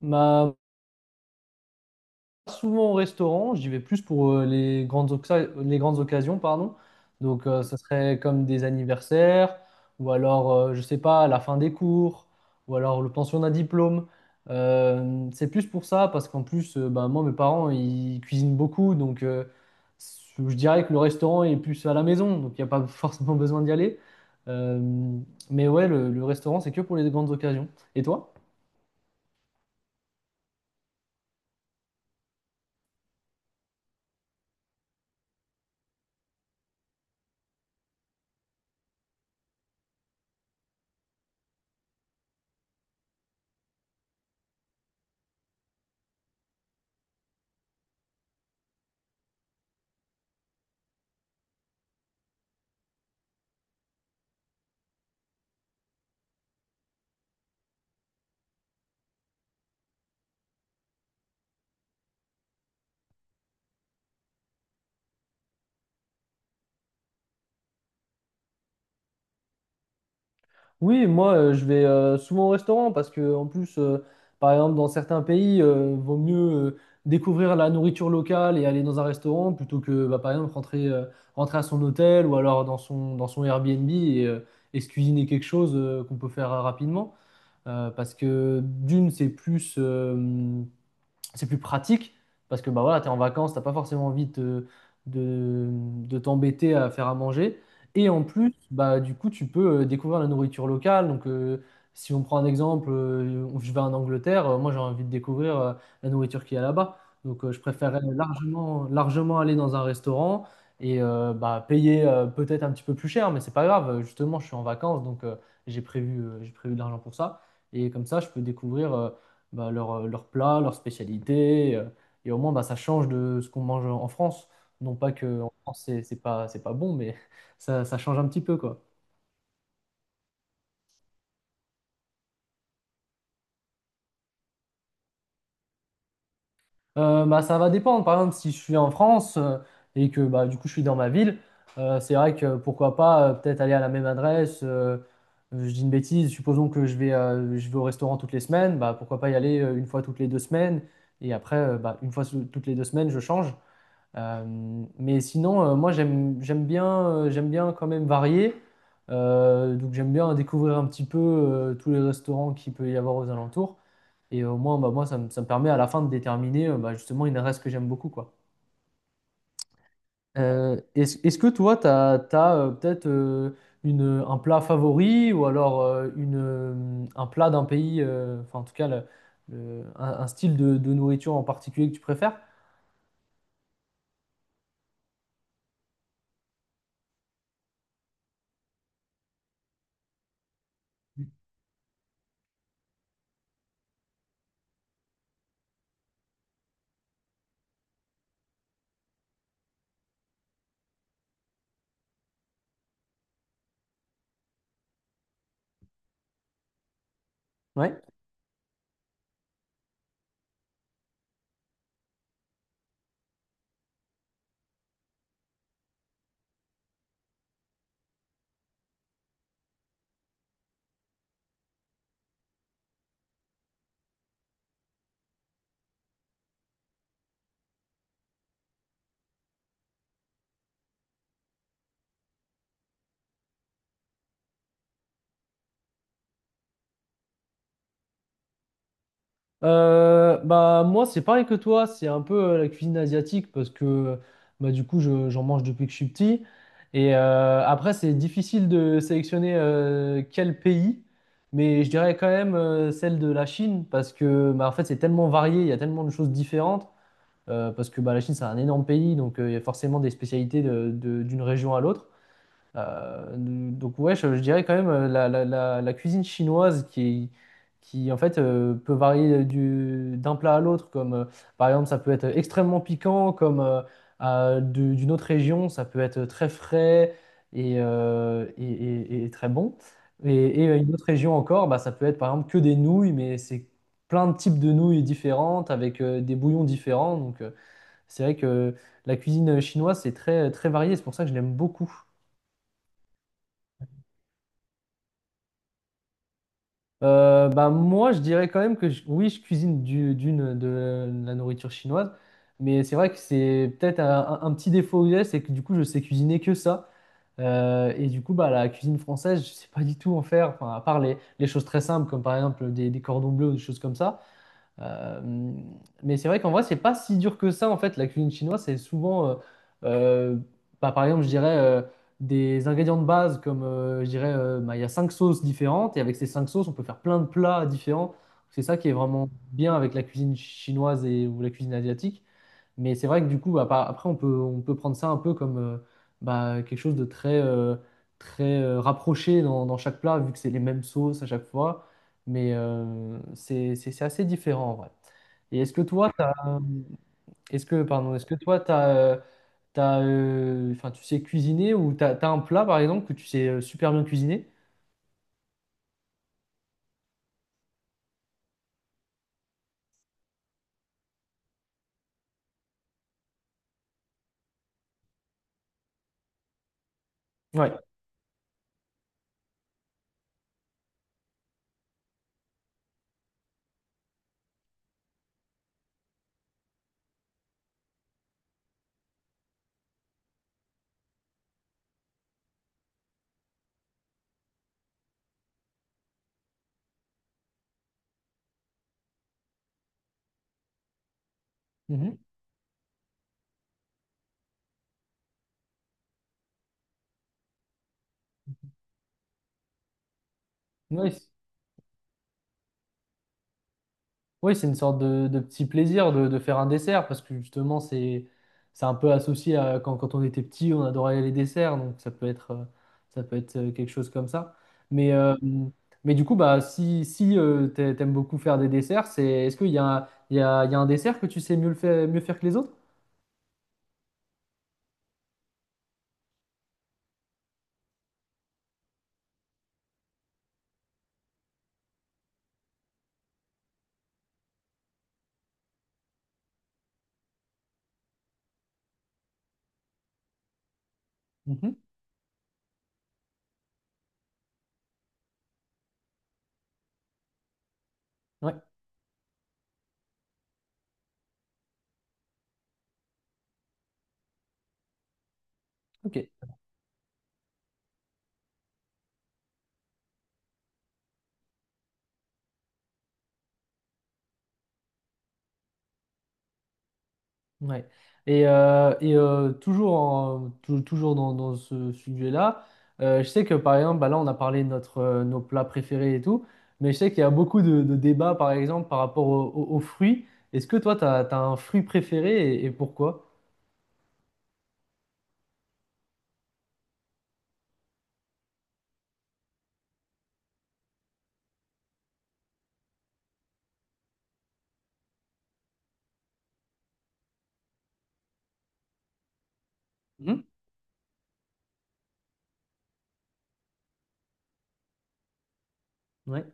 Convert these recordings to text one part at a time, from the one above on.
Bah, pas souvent au restaurant, j'y vais plus pour les grandes, les grandes occasions, pardon. Donc, ça serait comme des anniversaires, ou alors, je sais pas, la fin des cours, ou alors le pensionnat diplôme. C'est plus pour ça, parce qu'en plus, bah, moi, mes parents, ils cuisinent beaucoup, donc je dirais que le restaurant est plus à la maison, donc il n'y a pas forcément besoin d'y aller. Euh, mais ouais, le restaurant, c'est que pour les grandes occasions. Et toi? Oui, moi, je vais souvent au restaurant parce que, en plus, par exemple, dans certains pays, vaut mieux découvrir la nourriture locale et aller dans un restaurant plutôt que, bah, par exemple, rentrer, rentrer à son hôtel ou alors dans son Airbnb et se cuisiner quelque chose qu'on peut faire rapidement. Parce que, d'une, c'est plus pratique parce que bah voilà, tu es en vacances, t'as pas forcément envie de, de t'embêter à faire à manger. Et en plus, bah, du coup, tu peux découvrir la nourriture locale. Donc, si on prend un exemple, je vais en Angleterre, moi j'ai envie de découvrir la nourriture qu'il y a là-bas. Donc, je préférerais largement, largement aller dans un restaurant et bah, payer peut-être un petit peu plus cher, mais c'est pas grave. Justement, je suis en vacances, donc j'ai prévu de l'argent pour ça. Et comme ça, je peux découvrir. Bah, leur plat, leur spécialité. Et au moins, bah, ça change de ce qu'on mange en France. Non pas que en France, c'est pas bon, mais ça change un petit peu, quoi. Bah, ça va dépendre. Par exemple, si je suis en France et que bah, du coup, je suis dans ma ville, c'est vrai que pourquoi pas peut-être aller à la même adresse. Je dis une bêtise, supposons que je vais au restaurant toutes les semaines, bah, pourquoi pas y aller une fois toutes les deux semaines. Et après, bah, une fois toutes les deux semaines, je change. Mais sinon, moi j'aime bien quand même varier. Donc j'aime bien découvrir un petit peu tous les restaurants qu'il peut y avoir aux alentours. Et au moins, bah, moi, ça me permet à la fin de déterminer bah, justement une adresse que j'aime beaucoup, quoi. Est-ce que toi, tu as, peut-être un plat favori ou alors un plat d'un pays, enfin en tout cas un style de nourriture en particulier que tu préfères? Ouais. Bah moi c'est pareil que toi, c'est un peu la cuisine asiatique parce que bah, du coup j'en mange depuis que je suis petit. Et après c'est difficile de sélectionner quel pays, mais je dirais quand même celle de la Chine parce que bah, en fait c'est tellement varié, il y a tellement de choses différentes parce que bah, la Chine c'est un énorme pays donc il y a forcément des spécialités d'une région à l'autre. Donc ouais, je dirais quand même la cuisine chinoise qui en fait peut varier d'un plat à l'autre. Comme par exemple, ça peut être extrêmement piquant, comme d'une autre région, ça peut être très frais et, et très bon. Et une autre région encore, bah, ça peut être par exemple que des nouilles, mais c'est plein de types de nouilles différentes avec des bouillons différents. Donc c'est vrai que la cuisine chinoise c'est très très varié. C'est pour ça que je l'aime beaucoup. Bah moi, je dirais quand même que oui, je cuisine du- d'une de la nourriture chinoise, mais c'est vrai que c'est peut-être un petit défaut que j'ai, c'est que du coup, je sais cuisiner que ça. Et du coup, bah, la cuisine française, je sais pas du tout en faire, enfin, à part les choses très simples, comme par exemple des cordons bleus ou des choses comme ça. Euh, mais c'est vrai qu'en vrai, c'est pas si dur que ça en fait. La cuisine chinoise, c'est souvent, euh, bah, par exemple, je dirais des ingrédients de base comme, je dirais, bah, il y a cinq sauces différentes et avec ces cinq sauces, on peut faire plein de plats différents. C'est ça qui est vraiment bien avec la cuisine chinoise et ou la cuisine asiatique. Mais c'est vrai que du coup, bah, après, on peut prendre ça un peu comme bah, quelque chose de très rapproché dans chaque plat, vu que c'est les mêmes sauces à chaque fois. C'est assez différent en vrai. Et est-ce que toi, t'as, euh, est-ce que, pardon, est-ce que toi, t'as, enfin, tu sais cuisiner ou t'as un plat, par exemple, que tu sais super bien cuisiner? Ouais. Mhm. Ouais, oui, c'est une sorte de petit plaisir de faire un dessert parce que justement, c'est un peu associé à quand, quand on était petit, on adorait les desserts, donc ça peut être quelque chose comme ça. Mais, euh, mais du coup, bah, si t'aimes beaucoup faire des desserts, c'est, est-ce qu'il y a, il y a, il y a un dessert que tu sais mieux le faire, mieux faire que les autres? Mhm. Ouais, ok. Ouais. Toujours dans ce sujet-là, je sais que par exemple, bah là on a parlé de notre, nos plats préférés et tout, mais je sais qu'il y a beaucoup de débats par exemple par rapport aux fruits. Est-ce que toi, tu as, un fruit préféré et pourquoi? Mhm. Ouais.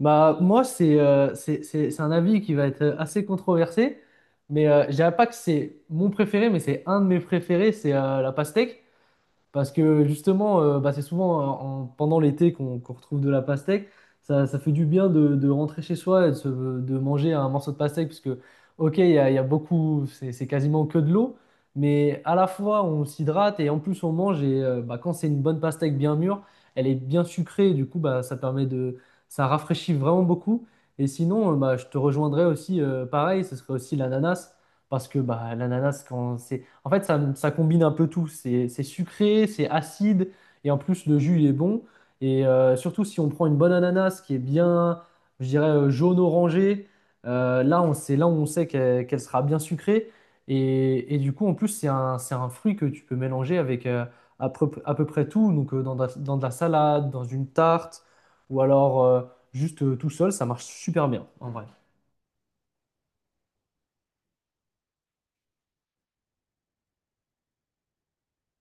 Bah, moi, c'est un avis qui va être assez controversé, mais je dirais pas que c'est mon préféré, mais c'est un de mes préférés, c'est la pastèque. Parce que justement, bah, c'est souvent pendant l'été qu'on retrouve de la pastèque. Ça fait du bien de rentrer chez soi et de, de manger un morceau de pastèque, parce que, ok, il y a beaucoup, c'est quasiment que de l'eau, mais à la fois on s'hydrate et en plus on mange. Et bah, quand c'est une bonne pastèque bien mûre, elle est bien sucrée, et du coup, bah, ça permet de, ça rafraîchit vraiment beaucoup. Et sinon, bah, je te rejoindrais aussi, pareil, ce serait aussi l'ananas, parce que bah, l'ananas, quand en fait, ça combine un peu tout. C'est sucré, c'est acide, et en plus, le jus, il est bon. Et surtout, si on prend une bonne ananas qui est bien, je dirais, jaune-orangé, là, on sait qu'elle sera bien sucrée. Et du coup, en plus, c'est un fruit que tu peux mélanger avec à peu près tout. Donc, dans de la salade, dans une tarte, ou alors juste tout seul, ça marche super bien, en vrai.